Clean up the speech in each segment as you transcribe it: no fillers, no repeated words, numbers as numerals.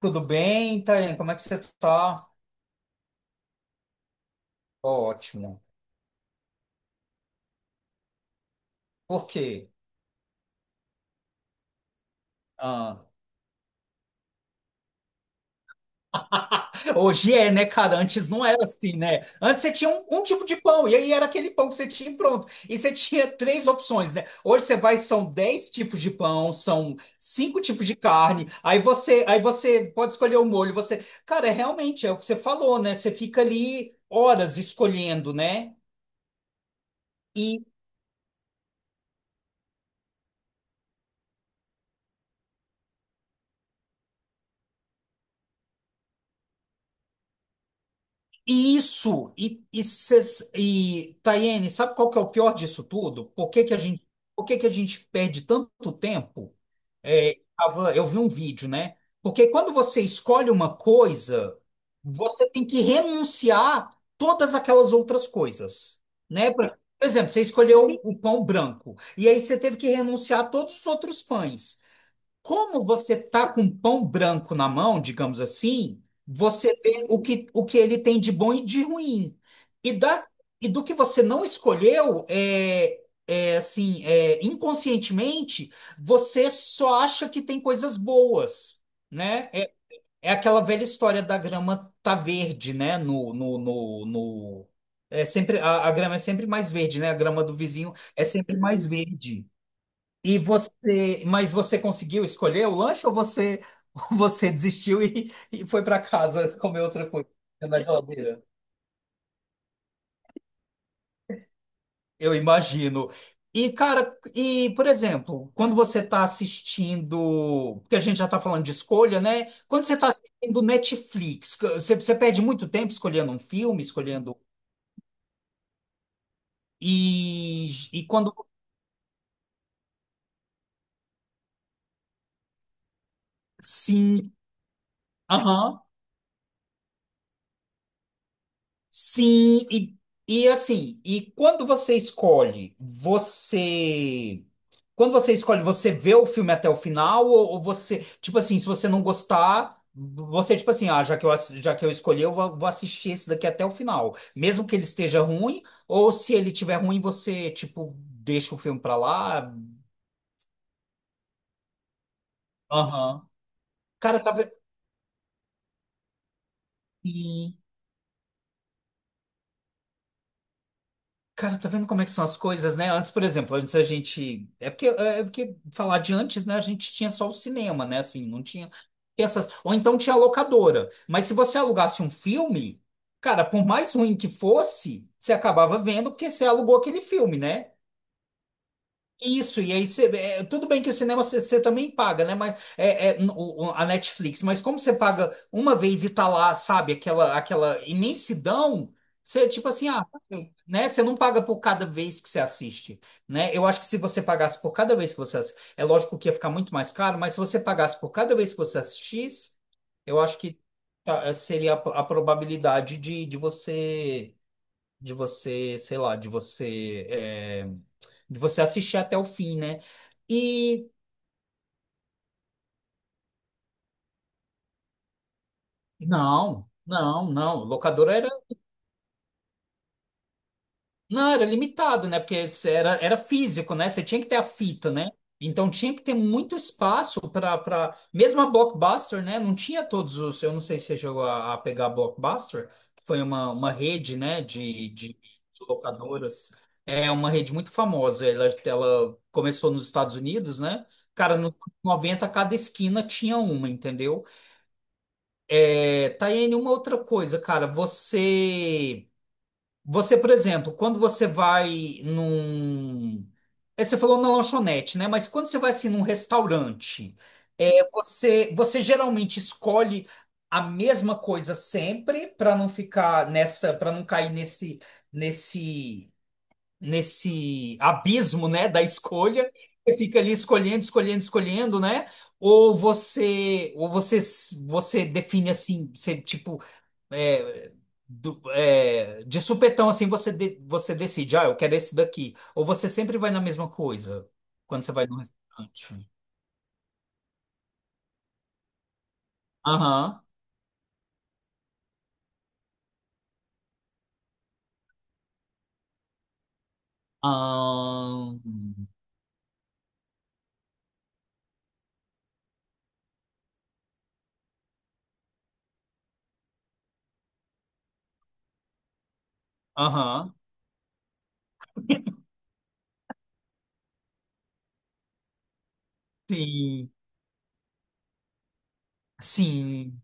Tudo bem, Thaís? Como é que você tá? Ótimo. Por quê? Ah, hoje é, né, cara? Antes não era assim, né? Antes você tinha um tipo de pão, e aí era aquele pão que você tinha e pronto. E você tinha três opções, né? Hoje você vai, são dez tipos de pão, são cinco tipos de carne, aí você pode escolher o molho. Você, cara, é realmente é o que você falou, né? Você fica ali horas escolhendo, né? Isso, e Tayene, sabe qual que é o pior disso tudo? Por que que a gente, por que que a gente perde tanto tempo? É, eu vi um vídeo, né? Porque quando você escolhe uma coisa, você tem que renunciar todas aquelas outras coisas, né? Por exemplo, você escolheu o pão branco, e aí você teve que renunciar a todos os outros pães. Como você tá com pão branco na mão, digamos assim, você vê o que ele tem de bom e de ruim. E, da, e do que você não escolheu, é assim, inconscientemente, você só acha que tem coisas boas, né? É aquela velha história da grama tá verde, né? É sempre, a grama é sempre mais verde, né? A grama do vizinho é sempre mais verde. E você, mas você conseguiu escolher o lanche ou você, você desistiu e foi para casa comer outra coisa na geladeira? Eu imagino. E, cara, por exemplo, quando você está assistindo, porque a gente já está falando de escolha, né? Quando você está assistindo Netflix, você perde muito tempo escolhendo um filme, escolhendo. E quando. Sim. Aham. Sim, e assim, e quando você escolhe, você. Quando você escolhe, você vê o filme até o final, ou você, tipo assim, se você não gostar, você, tipo assim, ah, já que eu escolhi, eu vou assistir esse daqui até o final. Mesmo que ele esteja ruim, ou se ele tiver ruim, você, tipo, deixa o filme pra lá. Aham. Cara, tá vendo? Cara, tá vendo como é que são as coisas, né? Antes, por exemplo, antes a gente. É porque, é porque falar de antes, né? A gente tinha só o cinema, né? Assim, não tinha essas. Ou então tinha a locadora. Mas se você alugasse um filme, cara, por mais ruim que fosse, você acabava vendo porque você alugou aquele filme, né? Isso, e aí você. Tudo bem que o cinema você também paga, né? Mas a Netflix, mas como você paga uma vez e tá lá, sabe, aquela imensidão, você tipo assim, ah, né? Você não paga por cada vez que você assiste, né? Eu acho que se você pagasse por cada vez que você assiste, é lógico que ia ficar muito mais caro, mas se você pagasse por cada vez que você assistisse, eu acho que tá, seria a, probabilidade de você, sei lá, de você assistir até o fim, né? E não, não, não. Locadora era Não, era limitado, né? Porque isso era físico, né? Você tinha que ter a fita, né? Então tinha que ter muito espaço para mesmo a Blockbuster, né? Não tinha todos os. Eu não sei se você chegou a pegar a Blockbuster, que foi uma rede, né? De locadoras. É uma rede muito famosa. Ela começou nos Estados Unidos, né? Cara, nos anos 90, cada esquina tinha uma, entendeu? É, Taiane, uma outra coisa, cara. Você. Você, por exemplo, quando você vai num. Você falou na lanchonete, né? Mas quando você vai assim num restaurante, você geralmente escolhe a mesma coisa sempre para não ficar nessa, para não cair nesse, nesse, abismo, né, da escolha. Você fica ali escolhendo, escolhendo, escolhendo, né? Ou você define assim, você tipo é, de supetão, assim, você, você decide, ah, eu quero esse daqui. Ou você sempre vai na mesma coisa quando você vai no restaurante? Aham. Ahn, aham. Sim. Sim.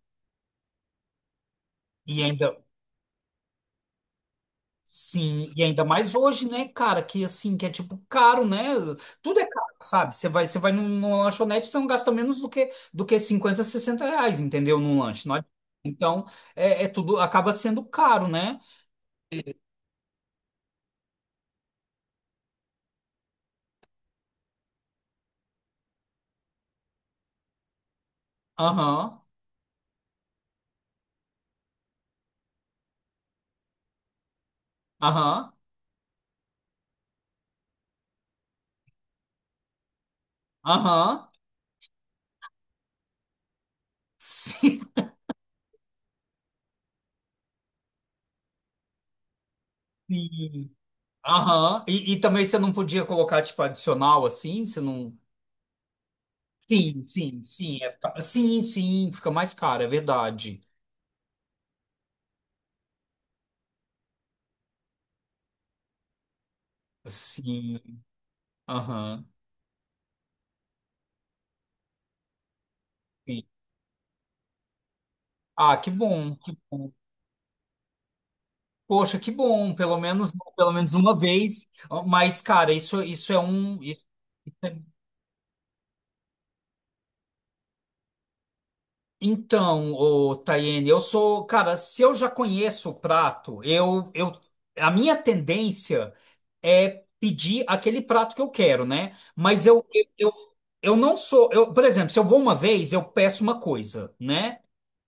E ainda. Sim, e ainda mais hoje, né, cara, que assim, que é tipo caro, né? Tudo é caro, sabe? Você vai, numa lanchonete, você não gasta menos do que 50 60 reais, entendeu? Num lanche. Não adianta. Então, é tudo acaba sendo caro, né? Aham, aham, aham. Sim. Sim. Aham. E também você não podia colocar, tipo, adicional assim? Você não. Sim, sim, sim. Sim, sim, fica mais caro, é verdade. Sim, aham. Sim. Ah, que bom, que bom. Poxa, que bom, pelo menos uma vez. Mas, cara, isso é um. Então, ô, Tayene, eu sou, cara, se eu já conheço o prato, a minha tendência é pedir aquele prato que eu quero, né? Mas eu não sou, eu, por exemplo, se eu vou uma vez, eu peço uma coisa, né?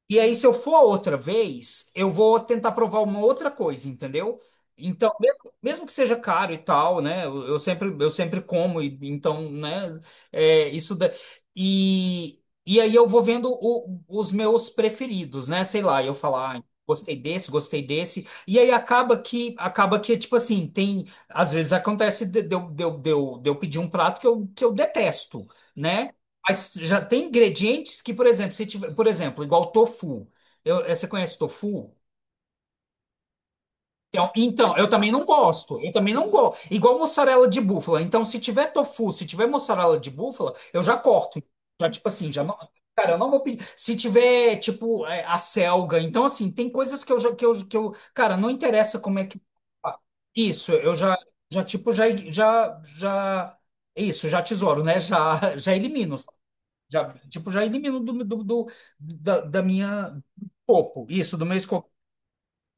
E aí, se eu for outra vez, eu vou tentar provar uma outra coisa, entendeu? Então, mesmo, mesmo que seja caro e tal, né? Eu sempre como, e, então, né? É, isso da... E, e aí eu vou vendo os meus preferidos, né? Sei lá, eu falar, ah, gostei desse, gostei desse. E aí acaba que, tipo assim, tem... Às vezes acontece de eu pedir um prato que eu detesto, né? Mas já tem ingredientes que, por exemplo, se tiver, por exemplo, igual tofu. Você conhece tofu? Então, eu também não gosto. Eu também não gosto. Igual mussarela de búfala. Então, se tiver tofu, se tiver mussarela de búfala, eu já corto. Já, tipo assim, já não. Cara, eu não vou pedir. Se tiver, tipo, a selga. Então, assim, tem coisas que eu já. Que eu, cara, não interessa como é que. Ah, isso, eu já, já tipo, já, já, já. Isso, já tesouro, né? Já, já elimino. Já, tipo, já elimino da minha corpo, isso, do meu escopo.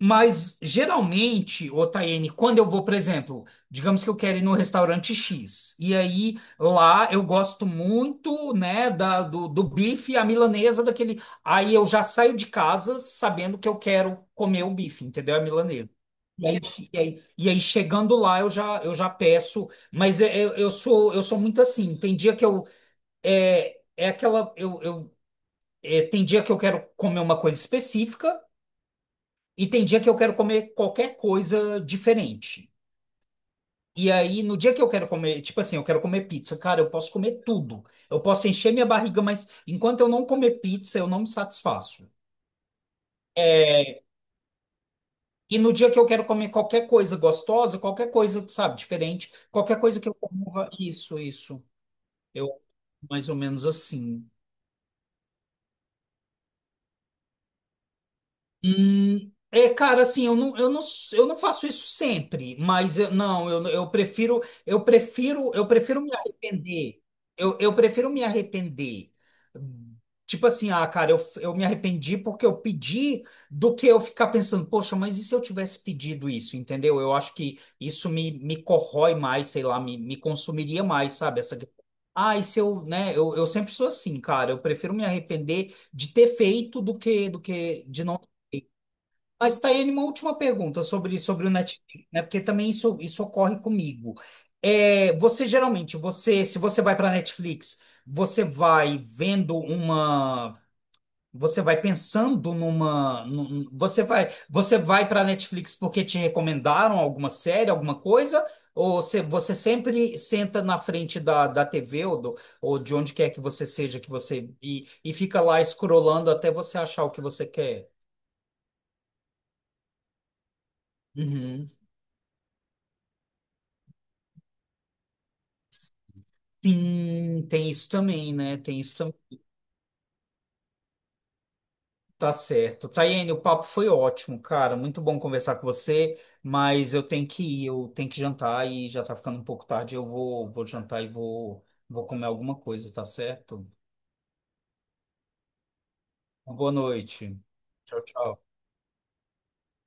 Mas geralmente, ô Taiane, quando eu vou, por exemplo, digamos que eu quero ir no restaurante X, e aí lá eu gosto muito, né, do bife à milanesa, daquele. Aí eu já saio de casa sabendo que eu quero comer o bife, entendeu? A milanesa. E aí, e aí, chegando lá eu já peço, mas eu sou muito assim. Tem dia que eu é aquela. Tem dia que eu quero comer uma coisa específica e tem dia que eu quero comer qualquer coisa diferente. E aí, no dia que eu quero comer, tipo assim, eu quero comer pizza, cara, eu posso comer tudo. Eu posso encher minha barriga, mas enquanto eu não comer pizza, eu não me satisfaço. É, e no dia que eu quero comer qualquer coisa gostosa, qualquer coisa, sabe, diferente, qualquer coisa que eu coma, isso, isso. Eu, mais ou menos assim. É, cara, assim, eu não faço isso sempre, mas não, eu prefiro me arrepender. Eu prefiro me arrepender. Hum, Tipo assim, ah, cara, eu me arrependi porque eu pedi do que eu ficar pensando, poxa, mas e se eu tivesse pedido isso, entendeu? Eu acho que isso me corrói mais, sei lá, me consumiria mais, sabe? Essa... Ah, e se eu, né? Eu sempre sou assim, cara, eu prefiro me arrepender de ter feito do que, de não. Mas está aí uma última pergunta sobre, o Netflix, né? Porque também isso ocorre comigo. É, você geralmente, você, se você vai para Netflix, você vai vendo uma, você vai pensando numa, você vai para Netflix porque te recomendaram alguma série, alguma coisa, ou você sempre senta na frente da, TV ou de onde quer que você seja que você e fica lá escrolando até você achar o que você quer? Uhum. Sim, tem isso também, né? Tem isso também. Tá certo. Tayane, o papo foi ótimo, cara. Muito bom conversar com você, mas eu tenho que ir, eu tenho que jantar e já tá ficando um pouco tarde. Eu vou jantar e vou comer alguma coisa, tá certo? Boa noite. Tchau, tchau.